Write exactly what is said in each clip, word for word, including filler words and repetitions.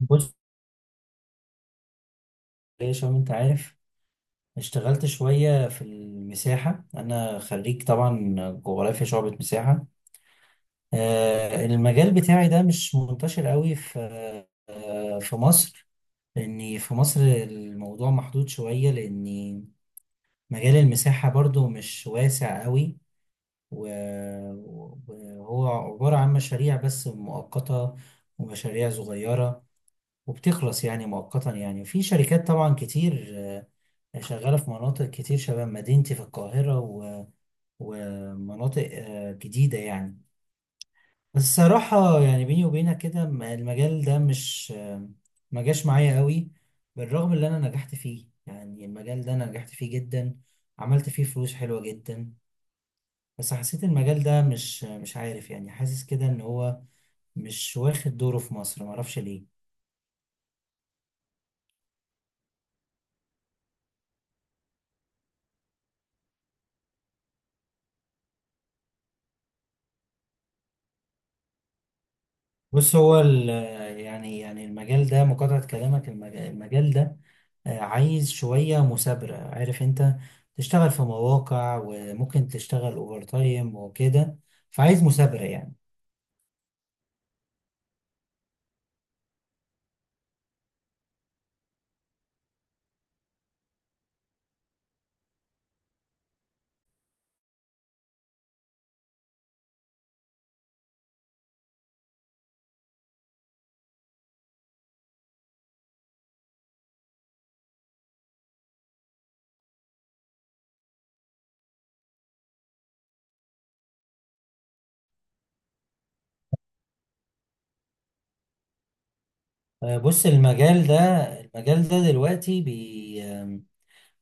بص، يا شباب، انت عارف. اشتغلت شوية في المساحة. انا خريج طبعا جغرافيا شعبة مساحة. آه، المجال بتاعي ده مش منتشر قوي في آه، في مصر. لاني في مصر الموضوع محدود شوية، لاني مجال المساحة برضو مش واسع قوي. و- وهو عبارة عن مشاريع بس مؤقتة، ومشاريع صغيرة، وبتخلص يعني مؤقتا. يعني في شركات طبعا كتير آه، شغالة في مناطق كتير شبه مدينتي في القاهرة و... ومناطق آه، جديدة يعني. بس الصراحة، يعني بيني وبينك كده، م- المجال ده مش آه، ما جاش معايا قوي. بالرغم اللي أنا نجحت فيه، يعني المجال ده أنا نجحت فيه جدا، عملت فيه فلوس حلوة جدا. بس حسيت المجال ده مش آه، مش عارف، يعني حاسس كده إن هو مش واخد دوره في مصر، معرفش ليه. بص هو ال- يعني يعني المجال ده، مقاطعة كلامك، المج- المجال ده آه، عايز شوية مثابرة. عارف انت، تشتغل في مواقع وممكن تشتغل اوفر تايم وكده. فعايز مثابرة يعني. آه، بص، المجال ده المجال ده دلوقتي بي آم،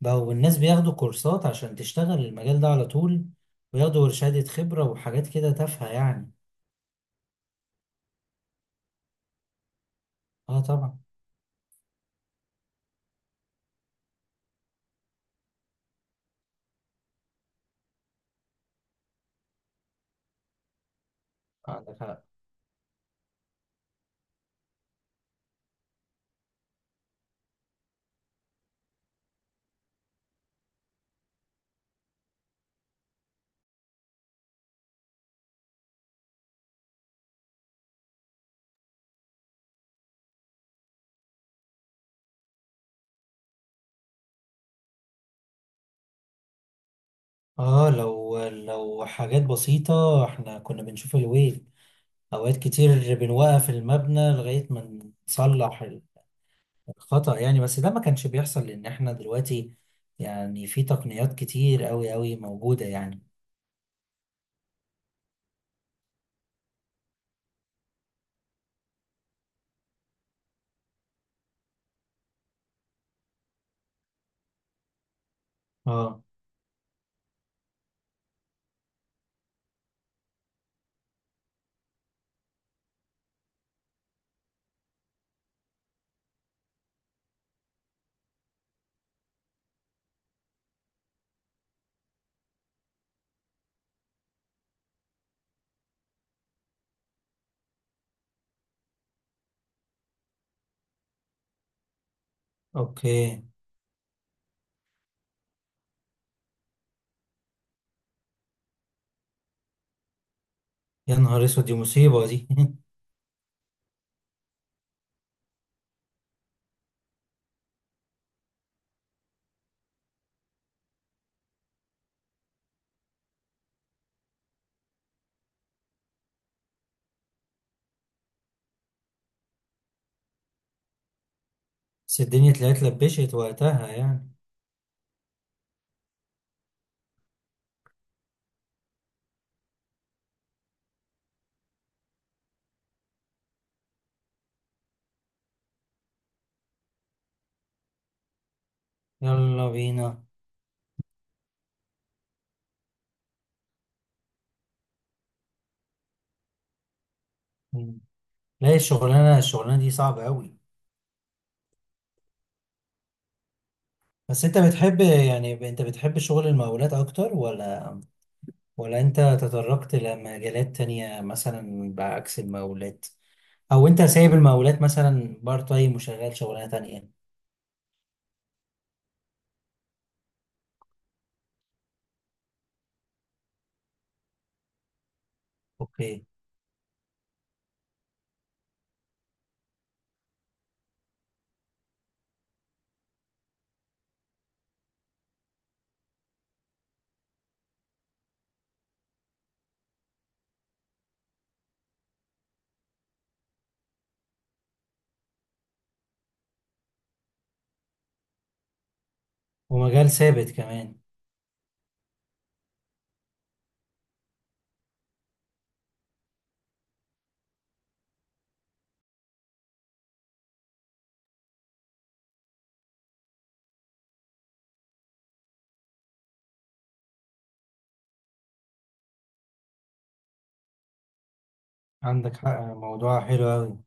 بقوا الناس بياخدوا كورسات عشان تشتغل المجال ده على طول، وياخدوا شهادة خبرة وحاجات كده تافهة يعني. اه، طبعا. عندك حق. اه، لو لو حاجات بسيطة احنا كنا بنشوف الويل. اوقات كتير بنوقف المبنى لغاية ما نصلح الخطأ يعني. بس ده ما كانش بيحصل، لان احنا دلوقتي يعني في تقنيات كتير قوي قوي موجودة يعني. اه. اوكي. يا نهار اسود، دي مصيبة دي. بس الدنيا طلعت لبشت وقتها يعني. يلا بينا. مم. لا، الشغلانة الشغلانة دي صعبة قوي. بس انت بتحب، يعني انت بتحب شغل المقاولات اكتر، ولا ولا انت تطرقت لمجالات تانية مثلا بعكس المقاولات، او انت سايب المقاولات مثلا بارت تايم وشغال شغلانه تانية يعني. اوكي. ومجال ثابت كمان. عندك حق، موضوع حلو قوي.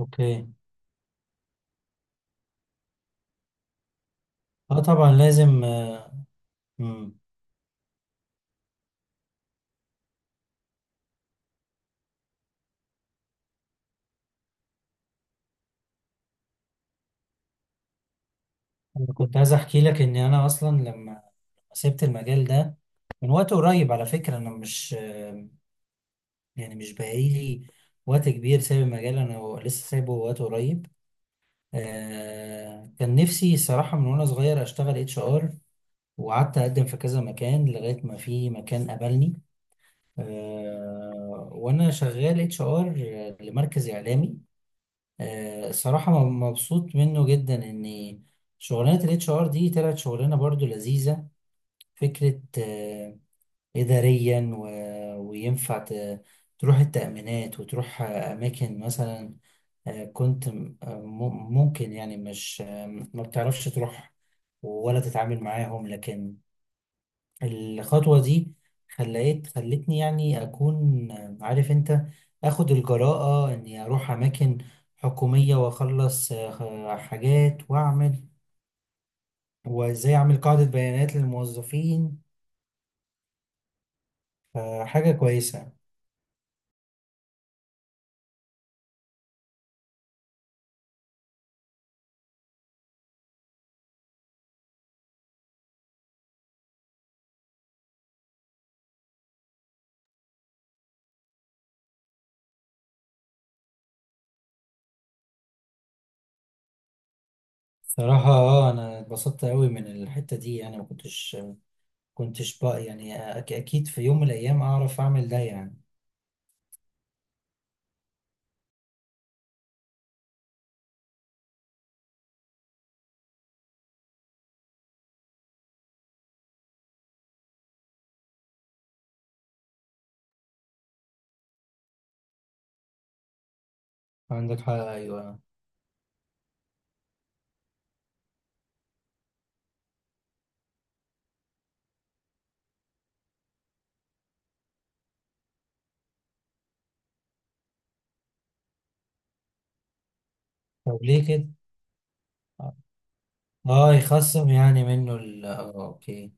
اوكي. اه، طبعا لازم. آه، مم. انا كنت عايز احكي لك، ان انا اصلا لما سبت المجال ده من وقت قريب. على فكره، انا مش آه، يعني مش بقالي وقت كبير سايب المجال، انا لسه سايبه وقت قريب. آه، كان نفسي الصراحه من وانا صغير اشتغل اتش ار، وقعدت اقدم في كذا مكان لغايه ما في مكان قبلني. آه، وانا شغال اتش ار لمركز اعلامي. آه، الصراحه م- مبسوط منه جدا، ان شغلانه الاتش ار دي طلعت شغلانه برضو لذيذه، فكره آه، اداريا و... وينفع ت... تروح التامينات وتروح اماكن مثلا. آه، كنت م- م- ممكن، يعني مش آه، ما بتعرفش تروح ولا تتعامل معاهم، لكن الخطوة دي خلت خلتني يعني أكون، عارف أنت، أخد الجراءة إني أروح أماكن حكومية وأخلص آه، حاجات، وأعمل وإزاي أعمل قاعدة بيانات للموظفين. فحاجة كويسة. صراحة آه، أنا اتبسطت أوي من الحتة دي، يعني ما كنتش كنتش بقى، يعني أك- أكيد في يوم من الأيام أعرف أعمل ده يعني. عندك حق، أيوه. طب ليه كده؟ آه، آه، يخصم يعني منه ال، آه، أوكي.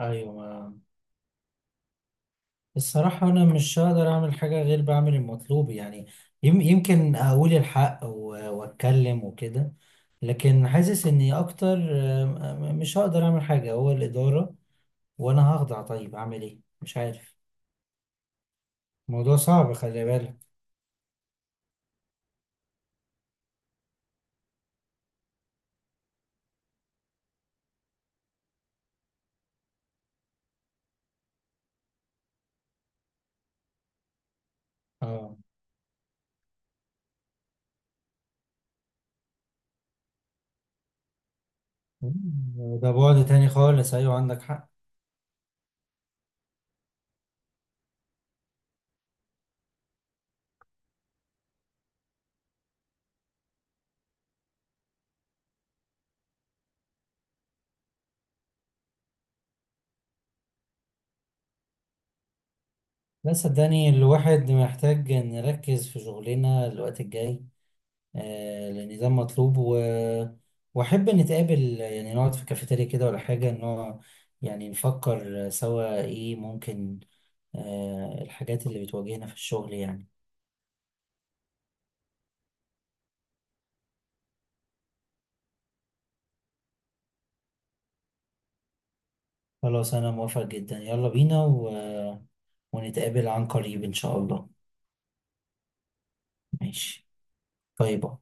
أيوه، الصراحة أنا مش هقدر أعمل حاجة غير بعمل المطلوب يعني. يم- يمكن أقول الحق و- وأتكلم وكده. لكن حاسس إني أكتر آم، آم، مش هقدر أعمل حاجة، هو الإدارة وأنا هخضع. طيب أعمل إيه؟ مش عارف. الموضوع صعب، خلي بالك. آه، ده بعد تاني خالص، أيوة عندك حق. لا، صدقني الواحد محتاج نركز في شغلنا الوقت الجاي. آه، النظام مطلوب، و... واحب نتقابل يعني نقعد في كافيتيريا كده ولا حاجه، ان هو يعني نفكر سوا ايه ممكن. آه، الحاجات اللي بتواجهنا في الشغل يعني. خلاص، انا موافق جدا. يلا بينا، و... ونتقابل عن قريب ان شاء الله. ماشي. باي باي.